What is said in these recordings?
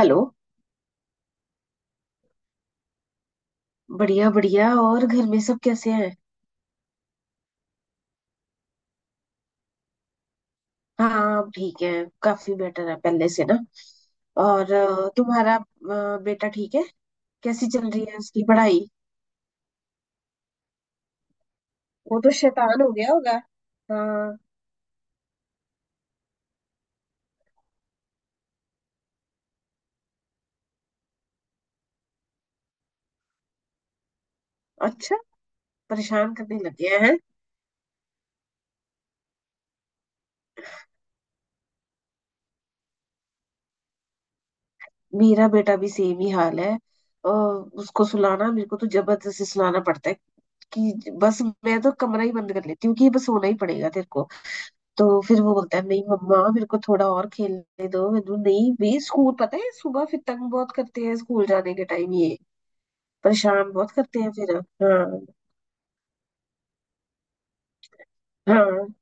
Hello. बढ़िया बढ़िया। और घर में सब कैसे हैं। हाँ अब ठीक है। काफी बेटर है पहले से ना। और तुम्हारा बेटा ठीक है। कैसी चल रही है उसकी पढ़ाई। वो तो शैतान हो गया होगा। हाँ। अच्छा। परेशान करने लग गया है। मेरा बेटा भी सेम ही हाल है। उसको सुलाना मेरे को तो जबरदस्ती सुलाना पड़ता है कि बस। मैं तो कमरा ही बंद कर लेती हूँ कि बस सोना ही पड़ेगा तेरे को। तो फिर वो बोलता है नहीं मम्मा मेरे को थोड़ा और खेलने दो मैंने नहीं भी स्कूल पता है सुबह फिर तंग बहुत करते हैं स्कूल जाने के टाइम ये। परेशान बहुत करते हैं फिर। हाँ हाँ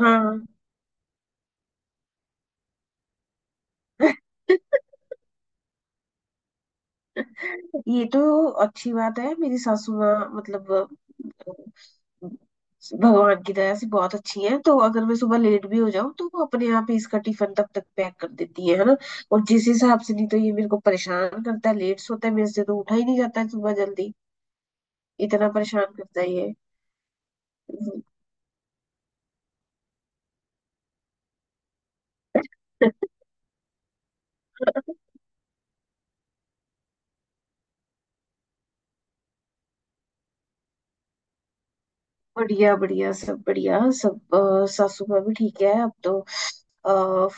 हाँ। ये तो अच्छी बात है। मेरी सासू माँ मतलब भगवान की दया से बहुत अच्छी है तो अगर मैं सुबह लेट भी हो जाऊं तो वो अपने आप ही इसका टिफिन तब तक पैक कर देती है ना। और जिस हिसाब से नहीं तो ये मेरे को परेशान करता है लेट सोता है मेरे से तो उठा ही नहीं जाता है सुबह जल्दी। इतना परेशान करता है ये। बढ़िया बढ़िया सब बढ़िया सब, सासू माँ भी ठीक है अब तो।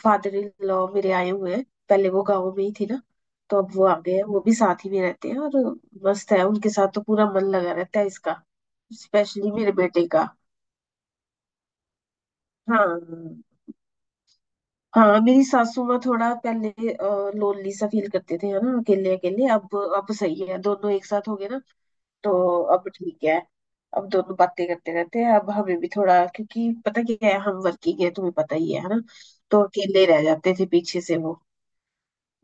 फादर इन लॉ मेरे आए हुए हैं। पहले वो गाँव में ही थी ना। तो अब वो आ गए हैं वो भी साथ ही में रहते हैं और मस्त है उनके साथ तो पूरा मन लगा रहता है इसका। स्पेशली मेरे बेटे का। हाँ। हाँ मेरी सासू माँ थोड़ा पहले लोनली सा फील करते थे है ना। अकेले अकेले, अब सही है दोनों एक साथ हो गए ना। तो अब ठीक है। अब दोनों बातें करते रहते हैं अब हमें भी थोड़ा क्योंकि पता क्या है हम वर्किंग है तुम्हें पता ही है ना। तो अकेले रह जाते थे पीछे से वो।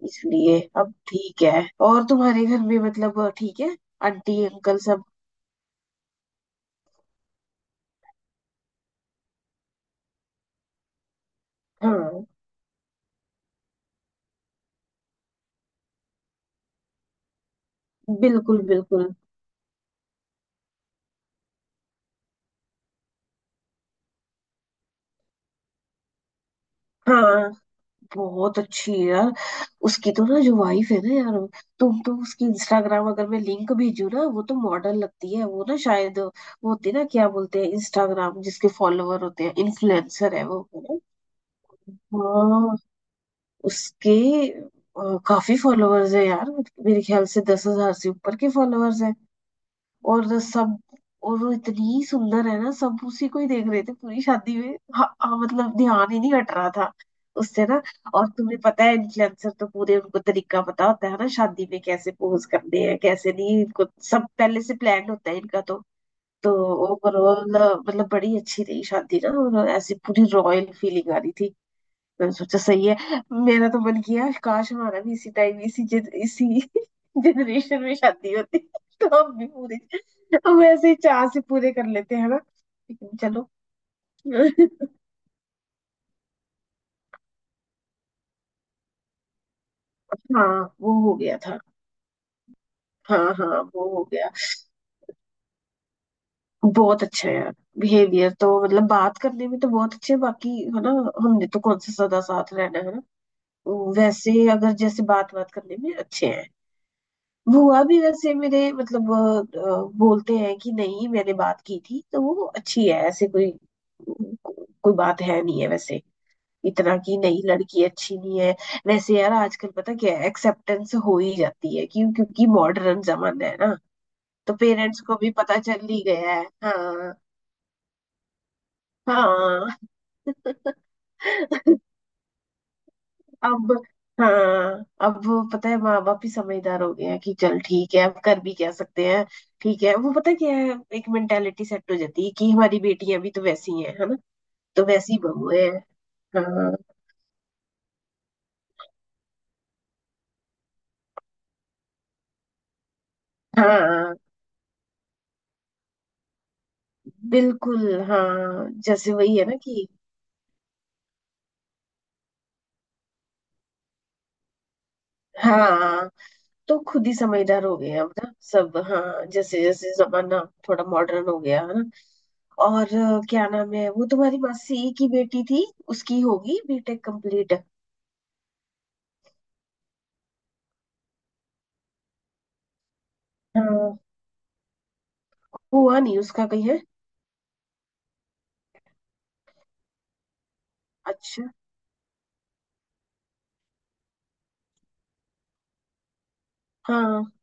इसलिए अब ठीक है और तुम्हारे घर में मतलब ठीक है आंटी अंकल सब। हाँ। बिल्कुल बिल्कुल। हाँ बहुत अच्छी है यार। उसकी तो ना जो वाइफ है ना यार। तुम तो उसकी इंस्टाग्राम अगर मैं लिंक भेजू ना वो तो मॉडल लगती है वो ना शायद वो होती है ना क्या बोलते हैं इंस्टाग्राम जिसके फॉलोवर होते हैं इन्फ्लुएंसर है वो है ना? हाँ उसके काफी फॉलोअर्स है यार। मेरे ख्याल से 10,000 से ऊपर के फॉलोअर्स है। और सब और वो इतनी सुंदर है ना सब उसी को ही देख रहे थे पूरी शादी में। हाँ, हाँ, मतलब ध्यान ही नहीं हट रहा था उससे ना। और तुम्हें पता है इन्फ्लुएंसर तो पूरे उनको तरीका पता होता है ना शादी में कैसे पोज करने हैं कैसे नहीं इनको सब पहले से प्लान होता है इनका तो। तो ओवरऑल मतलब बड़ी अच्छी रही शादी ना। और ऐसी पूरी रॉयल फीलिंग आ रही थी। मैंने सोचा सही है। मेरा तो मन किया काश हमारा भी इसी टाइम इसी जनरेशन में शादी होती तो हम भी पूरे हम ऐसे ही चाह से पूरे कर लेते हैं ना। लेकिन चलो। हाँ वो हो गया था। हाँ हाँ वो हो गया। बहुत अच्छा है यार। बिहेवियर तो मतलब बात करने में तो बहुत अच्छे हैं, बाकी है ना। हमने तो कौन सा सदा साथ रहना है ना। वैसे अगर जैसे बात बात करने में अच्छे हैं। बुआ भी वैसे मेरे मतलब बोलते हैं कि नहीं मैंने बात की थी तो वो अच्छी है ऐसे कोई कोई बात है नहीं है वैसे। इतना कि नहीं लड़की अच्छी नहीं है। वैसे यार आजकल पता क्या है एक्सेप्टेंस हो ही जाती है, क्यों क्योंकि मॉडर्न जमाना है ना। तो पेरेंट्स को भी पता चल ही गया है। हाँ। हाँ। अब हाँ। अब वो पता है माँ बाप भी समझदार हो गए हैं कि चल ठीक है अब कर भी क्या सकते हैं। ठीक है वो पता क्या है एक मेंटेलिटी सेट हो जाती है कि हमारी बेटियां भी तो वैसी ही हैं है ना। तो वैसी बहू है। हाँ। हाँ बिल्कुल। हाँ जैसे वही है ना कि हाँ। तो खुद ही समझदार हो गए हैं अब ना सब हाँ जैसे जैसे जमाना थोड़ा मॉडर्न हो गया है ना। और क्या नाम है वो तुम्हारी मासी की बेटी थी उसकी होगी बीटेक कंप्लीट। हाँ। हुआ नहीं उसका कहीं है। अच्छा। हाँ।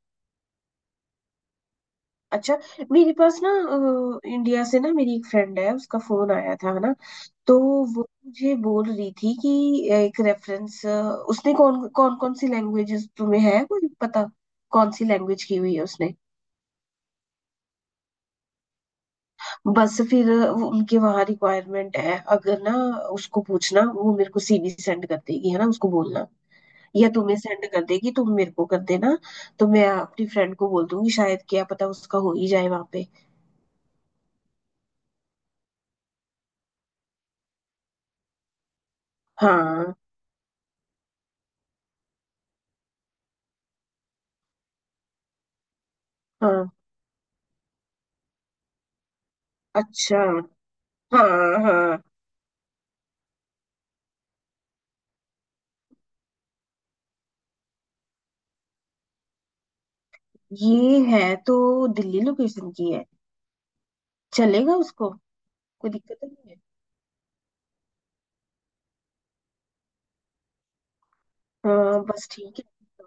अच्छा। मेरे पास ना इंडिया से ना मेरी एक फ्रेंड है उसका फोन आया था है ना। तो वो मुझे बोल रही थी कि एक रेफरेंस उसने कौन कौन कौन सी लैंग्वेजेस तुम्हें है कोई पता। कौन सी लैंग्वेज की हुई है उसने। बस फिर उनके वहाँ रिक्वायरमेंट है अगर ना। उसको पूछना वो मेरे को सीवी सेंड कर देगी है ना उसको बोलना या तुम्हें सेंड कर देगी तुम मेरे को कर देना। तो मैं अपनी फ्रेंड को बोल दूंगी शायद क्या पता उसका हो ही जाए वहाँ पे। हाँ। हाँ। अच्छा। हाँ। हाँ। ये है तो दिल्ली लोकेशन की है। चलेगा उसको। कोई दिक्कत तो नहीं है। हाँ बस ठीक है।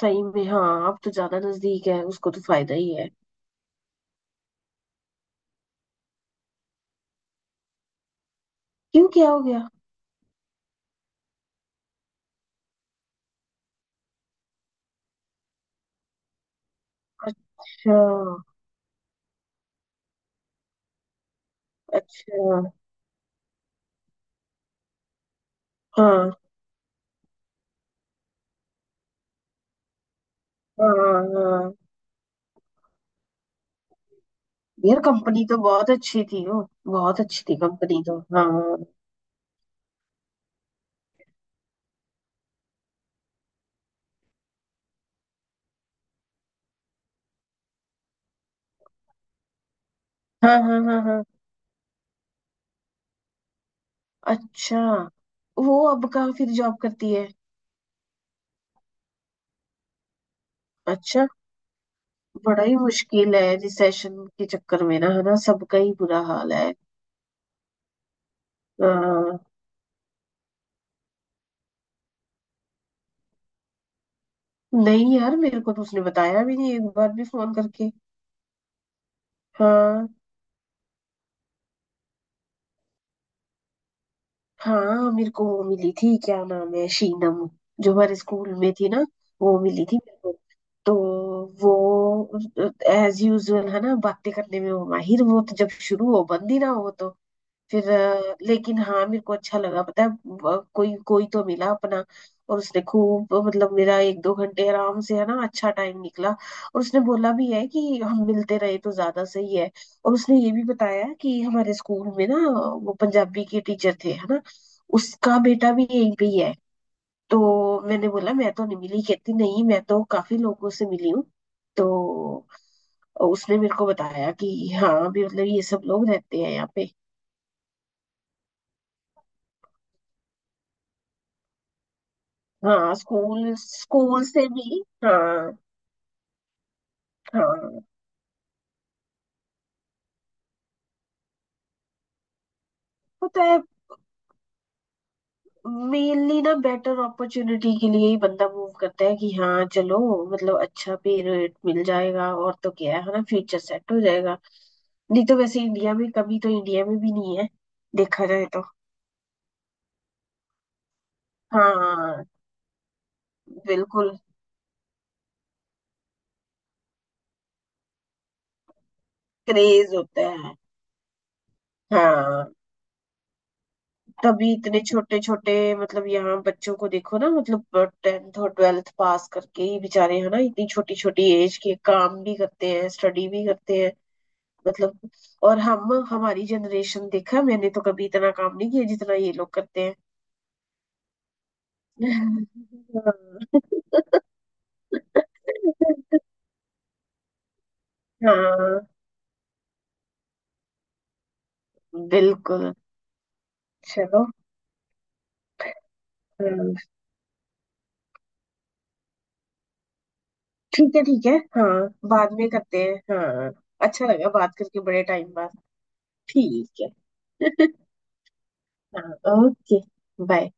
सही में हाँ अब तो ज्यादा नजदीक है उसको तो फायदा ही है। क्यों क्या हो गया। अच्छा। अच्छा। हाँ हाँ हाँ। यार कंपनी तो बहुत अच्छी थी वो। बहुत अच्छी थी कंपनी तो। हाँ। हाँ हाँ हाँ हाँ। अच्छा। वो अब कहाँ फिर जॉब करती है। अच्छा। बड़ा ही मुश्किल है रिसेशन के चक्कर में ना है ना सबका ही बुरा हाल है। हाँ। नहीं यार मेरे को तो उसने बताया भी नहीं एक बार भी फोन करके। हाँ। हाँ मेरे को वो मिली थी क्या नाम है शीनम। जो हमारे स्कूल में थी ना। वो मिली थी मेरे को। तो वो एज यूजुअल है ना बातें करने में वो माहिर वो तो जब शुरू हो बंद ही ना हो तो। फिर लेकिन हाँ मेरे को अच्छा लगा पता है कोई कोई तो मिला अपना। और उसने खूब मतलब मेरा एक दो घंटे आराम से है ना अच्छा टाइम निकला और उसने बोला भी है कि हम मिलते रहे तो ज्यादा सही है। और उसने ये भी बताया कि हमारे स्कूल में ना वो पंजाबी के टीचर थे है ना। उसका बेटा भी यहीं पे ही है। तो मैंने बोला मैं तो नहीं मिली, कहती नहीं मैं तो काफी लोगों से मिली हूँ। तो उसने मेरे को बताया कि हाँ भी मतलब ये सब लोग रहते हैं यहाँ पे। हाँ स्कूल स्कूल से भी हाँ। हाँ। पता है मेनली ना बेटर अपॉर्चुनिटी के लिए ही बंदा मूव करता है कि हाँ चलो। मतलब अच्छा पे रेट मिल जाएगा और तो क्या है ना फ्यूचर सेट हो जाएगा। नहीं तो वैसे इंडिया में कभी तो इंडिया में भी नहीं है देखा जाए तो। हाँ। बिल्कुल। क्रेज होता है। हाँ। तभी इतने छोटे छोटे मतलब यहाँ बच्चों को देखो ना मतलब। टेंथ और ट्वेल्थ पास करके ही बेचारे है ना इतनी छोटी छोटी एज के काम भी करते हैं स्टडी भी करते हैं मतलब। और हम हमारी जनरेशन देखा मैंने तो कभी इतना काम नहीं किया जितना ये लोग करते हैं। हाँ। बिल्कुल। चलो। हाँ, ठीक है हाँ बाद में करते हैं हाँ। अच्छा लगा बात करके बड़े टाइम बाद। ठीक है। हाँ ओके। बाय।